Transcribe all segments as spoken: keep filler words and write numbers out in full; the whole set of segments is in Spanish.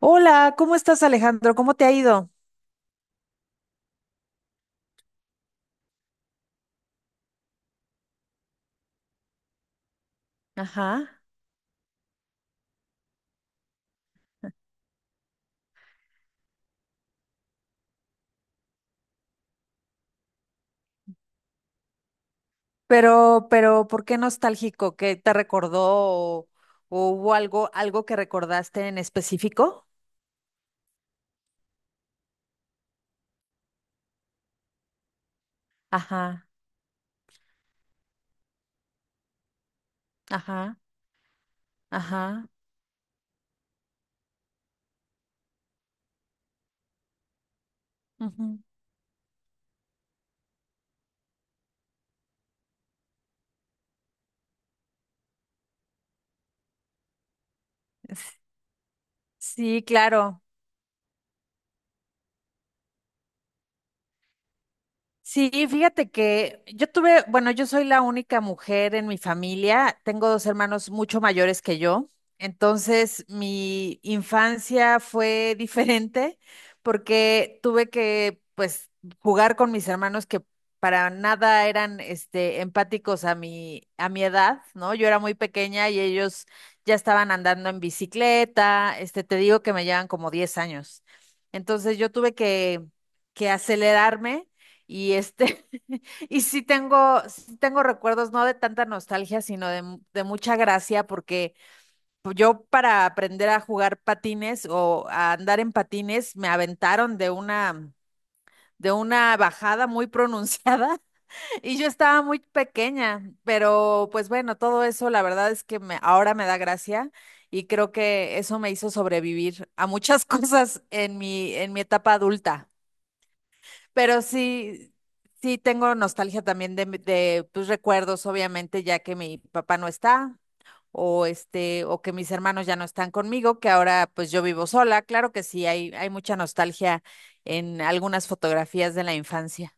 Hola, ¿cómo estás, Alejandro? ¿Cómo te ha ido? Ajá. Pero, pero, ¿por qué nostálgico? ¿Qué te recordó o, o hubo algo, algo que recordaste en específico? Ajá, ajá, ajá. Ujú. Sí, claro. Sí, fíjate que yo tuve, bueno, yo soy la única mujer en mi familia, tengo dos hermanos mucho mayores que yo, entonces mi infancia fue diferente porque tuve que, pues, jugar con mis hermanos que para nada eran, este, empáticos a mi, a mi edad, ¿no? Yo era muy pequeña y ellos ya estaban andando en bicicleta, este, te digo que me llevan como diez años. Entonces yo tuve que, que acelerarme y este, y sí tengo, sí tengo recuerdos, no de tanta nostalgia, sino de, mu- de mucha gracia, porque pues, yo para aprender a jugar patines o a andar en patines, me aventaron de una, de una bajada muy pronunciada y yo estaba muy pequeña, pero pues bueno, todo eso la verdad es que me, ahora me da gracia y creo que eso me hizo sobrevivir a muchas cosas en mi, en mi etapa adulta. Pero sí, sí tengo nostalgia también de, mi- de tus recuerdos, obviamente, ya que mi papá no está, o este, o que mis hermanos ya no están conmigo, que ahora pues yo vivo sola. Claro que sí, hay, hay mucha nostalgia en algunas fotografías de la infancia.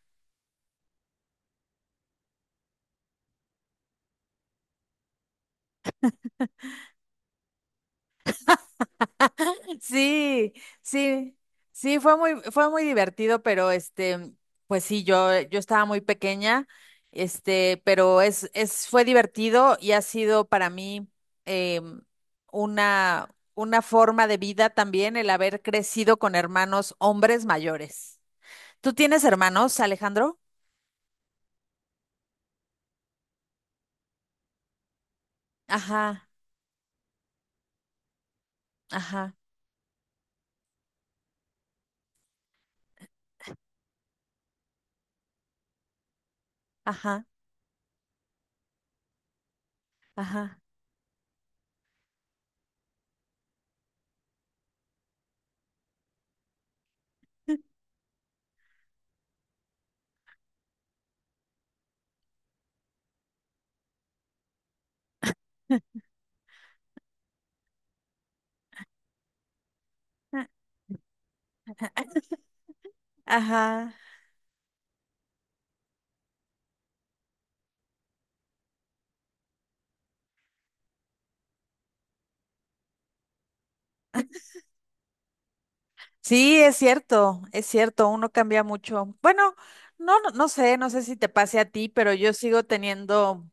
Sí, sí, sí, fue muy, fue muy divertido, pero este, pues sí, yo, yo estaba muy pequeña, este, pero es, es, fue divertido y ha sido para mí em, una, una forma de vida también el haber crecido con hermanos hombres mayores. ¿Tú tienes hermanos, Alejandro? Ajá, ajá, ajá, ajá. Ajá. Sí, es cierto, es cierto, uno cambia mucho. Bueno, no, no, no sé, no sé si te pase a ti, pero yo sigo teniendo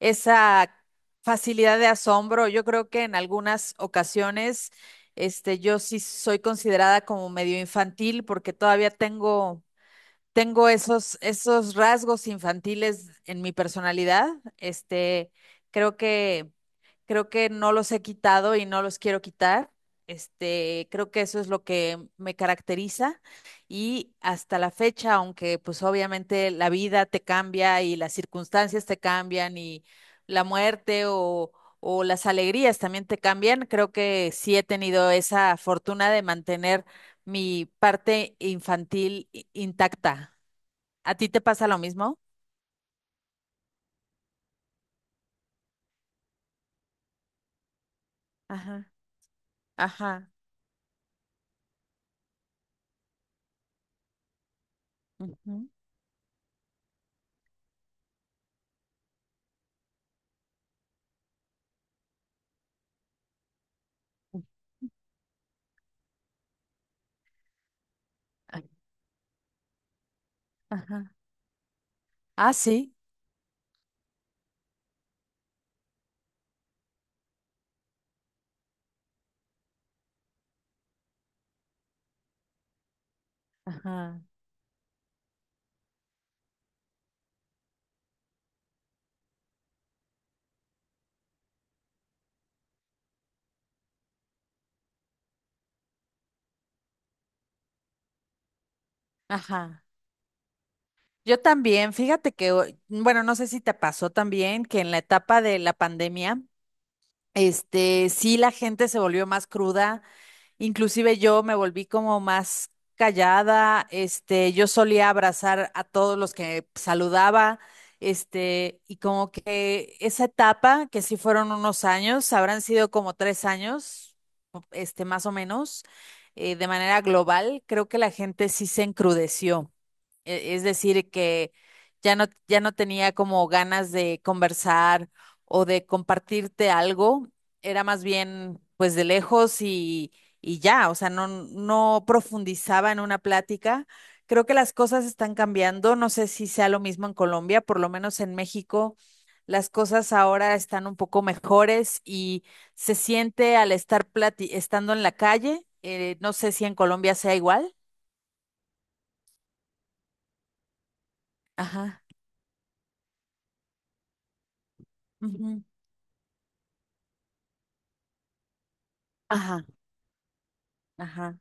esa facilidad de asombro. Yo creo que en algunas ocasiones, este, yo sí soy considerada como medio infantil porque todavía tengo tengo esos, esos rasgos infantiles en mi personalidad. Este, creo que, creo que no los he quitado y no los quiero quitar. Este, creo que eso es lo que me caracteriza y hasta la fecha, aunque pues obviamente la vida te cambia y las circunstancias te cambian y la muerte o, o las alegrías también te cambian, creo que sí he tenido esa fortuna de mantener mi parte infantil i- intacta. ¿A ti te pasa lo mismo? Ajá, ajá, ujú, a- ajá. Ah, sí, ajá, ajá. Yo también, fíjate que, o- bueno, no sé si te pasó también que en la etapa de la pandemia, este, sí la gente se volvió más cruda. Inclusive yo me volví como más callada, este, yo solía abrazar a todos los que saludaba, este, y como que esa etapa, que sí fueron unos años, habrán sido como tres años, o- este, más o menos, eh, de manera global, creo que la gente sí se encrudeció. E- Es decir, que ya no, ya no tenía como ganas de conversar o de compartirte algo, era más bien pues de lejos y, y ya, o sea, no, no profundizaba en una plática. Creo que las cosas están cambiando, no sé si sea lo mismo en Colombia, por lo menos en México, las cosas ahora están un poco mejores y se siente al estar plati- estando en la calle, eh, no sé si en Colombia sea igual. Ajá. Ujú, ajá. Ajá,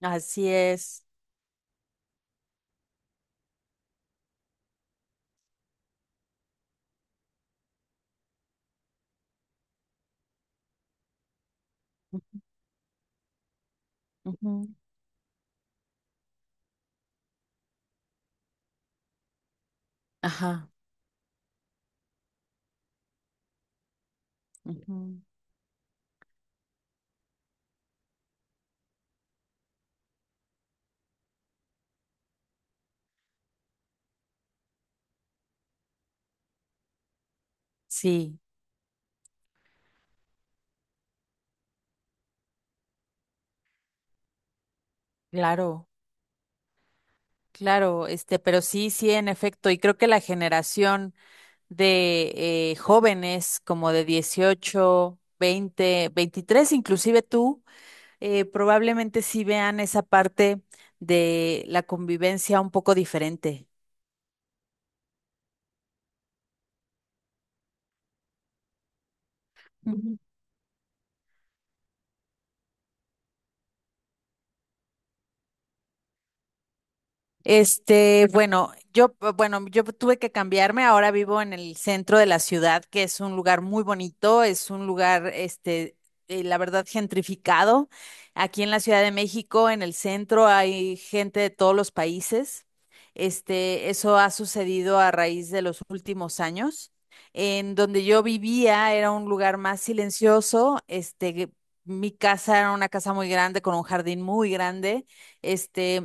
así es. Ujú, ajá, ujú. Sí, claro, claro, este, pero sí, sí, en efecto, y creo que la generación de eh, jóvenes como de dieciocho, veinte, veintitrés, inclusive tú, eh, probablemente sí vean esa parte de la convivencia un poco diferente. Este, bueno, yo, eh, bueno, yo tuve que cambiarme. Ahora vivo en el centro de la ciudad, que es un lugar muy bonito, es un lugar, este, eh, la verdad, gentrificado. Aquí en la Ciudad de México, en el centro, hay gente de todos los países. Este, eso ha sucedido a raíz de los últimos años. En donde yo vivía era un lugar más silencioso. Este, mi casa era una casa muy grande con un jardín muy grande. Este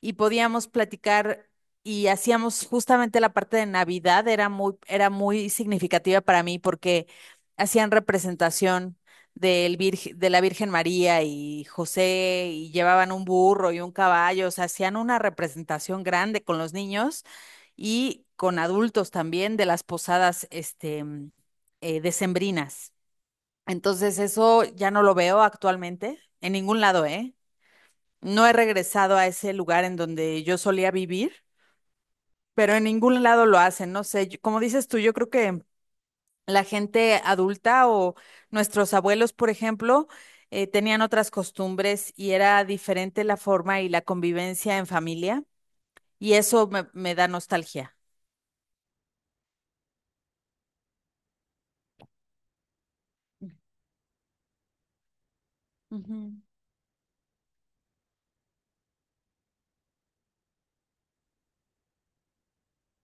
y podíamos platicar y hacíamos justamente la parte de Navidad, era muy, era muy significativa para mí porque hacían representación del virg- de la Virgen María y José y llevaban un burro y un caballo, o sea, hacían una representación grande con los niños y con adultos también de las posadas este, mm, eh, decembrinas. Entonces eso ya no lo veo actualmente en ningún lado, ¿eh? No he regresado a ese lugar en donde yo solía vivir, pero en ningún lado lo hacen. No sé, yo- como dices tú, yo creo que la gente adulta o nuestros abuelos, por ejemplo, eh, tenían otras costumbres y era diferente la forma y la convivencia en familia, y eso me, me da nostalgia. Ujú.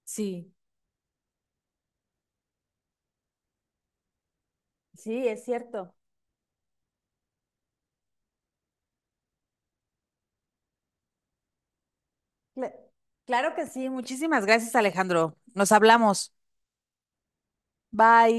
Sí. Sí, es cierto. Cla- claro que sí. Muchísimas gracias, Alejandro. Nos hablamos. Bye.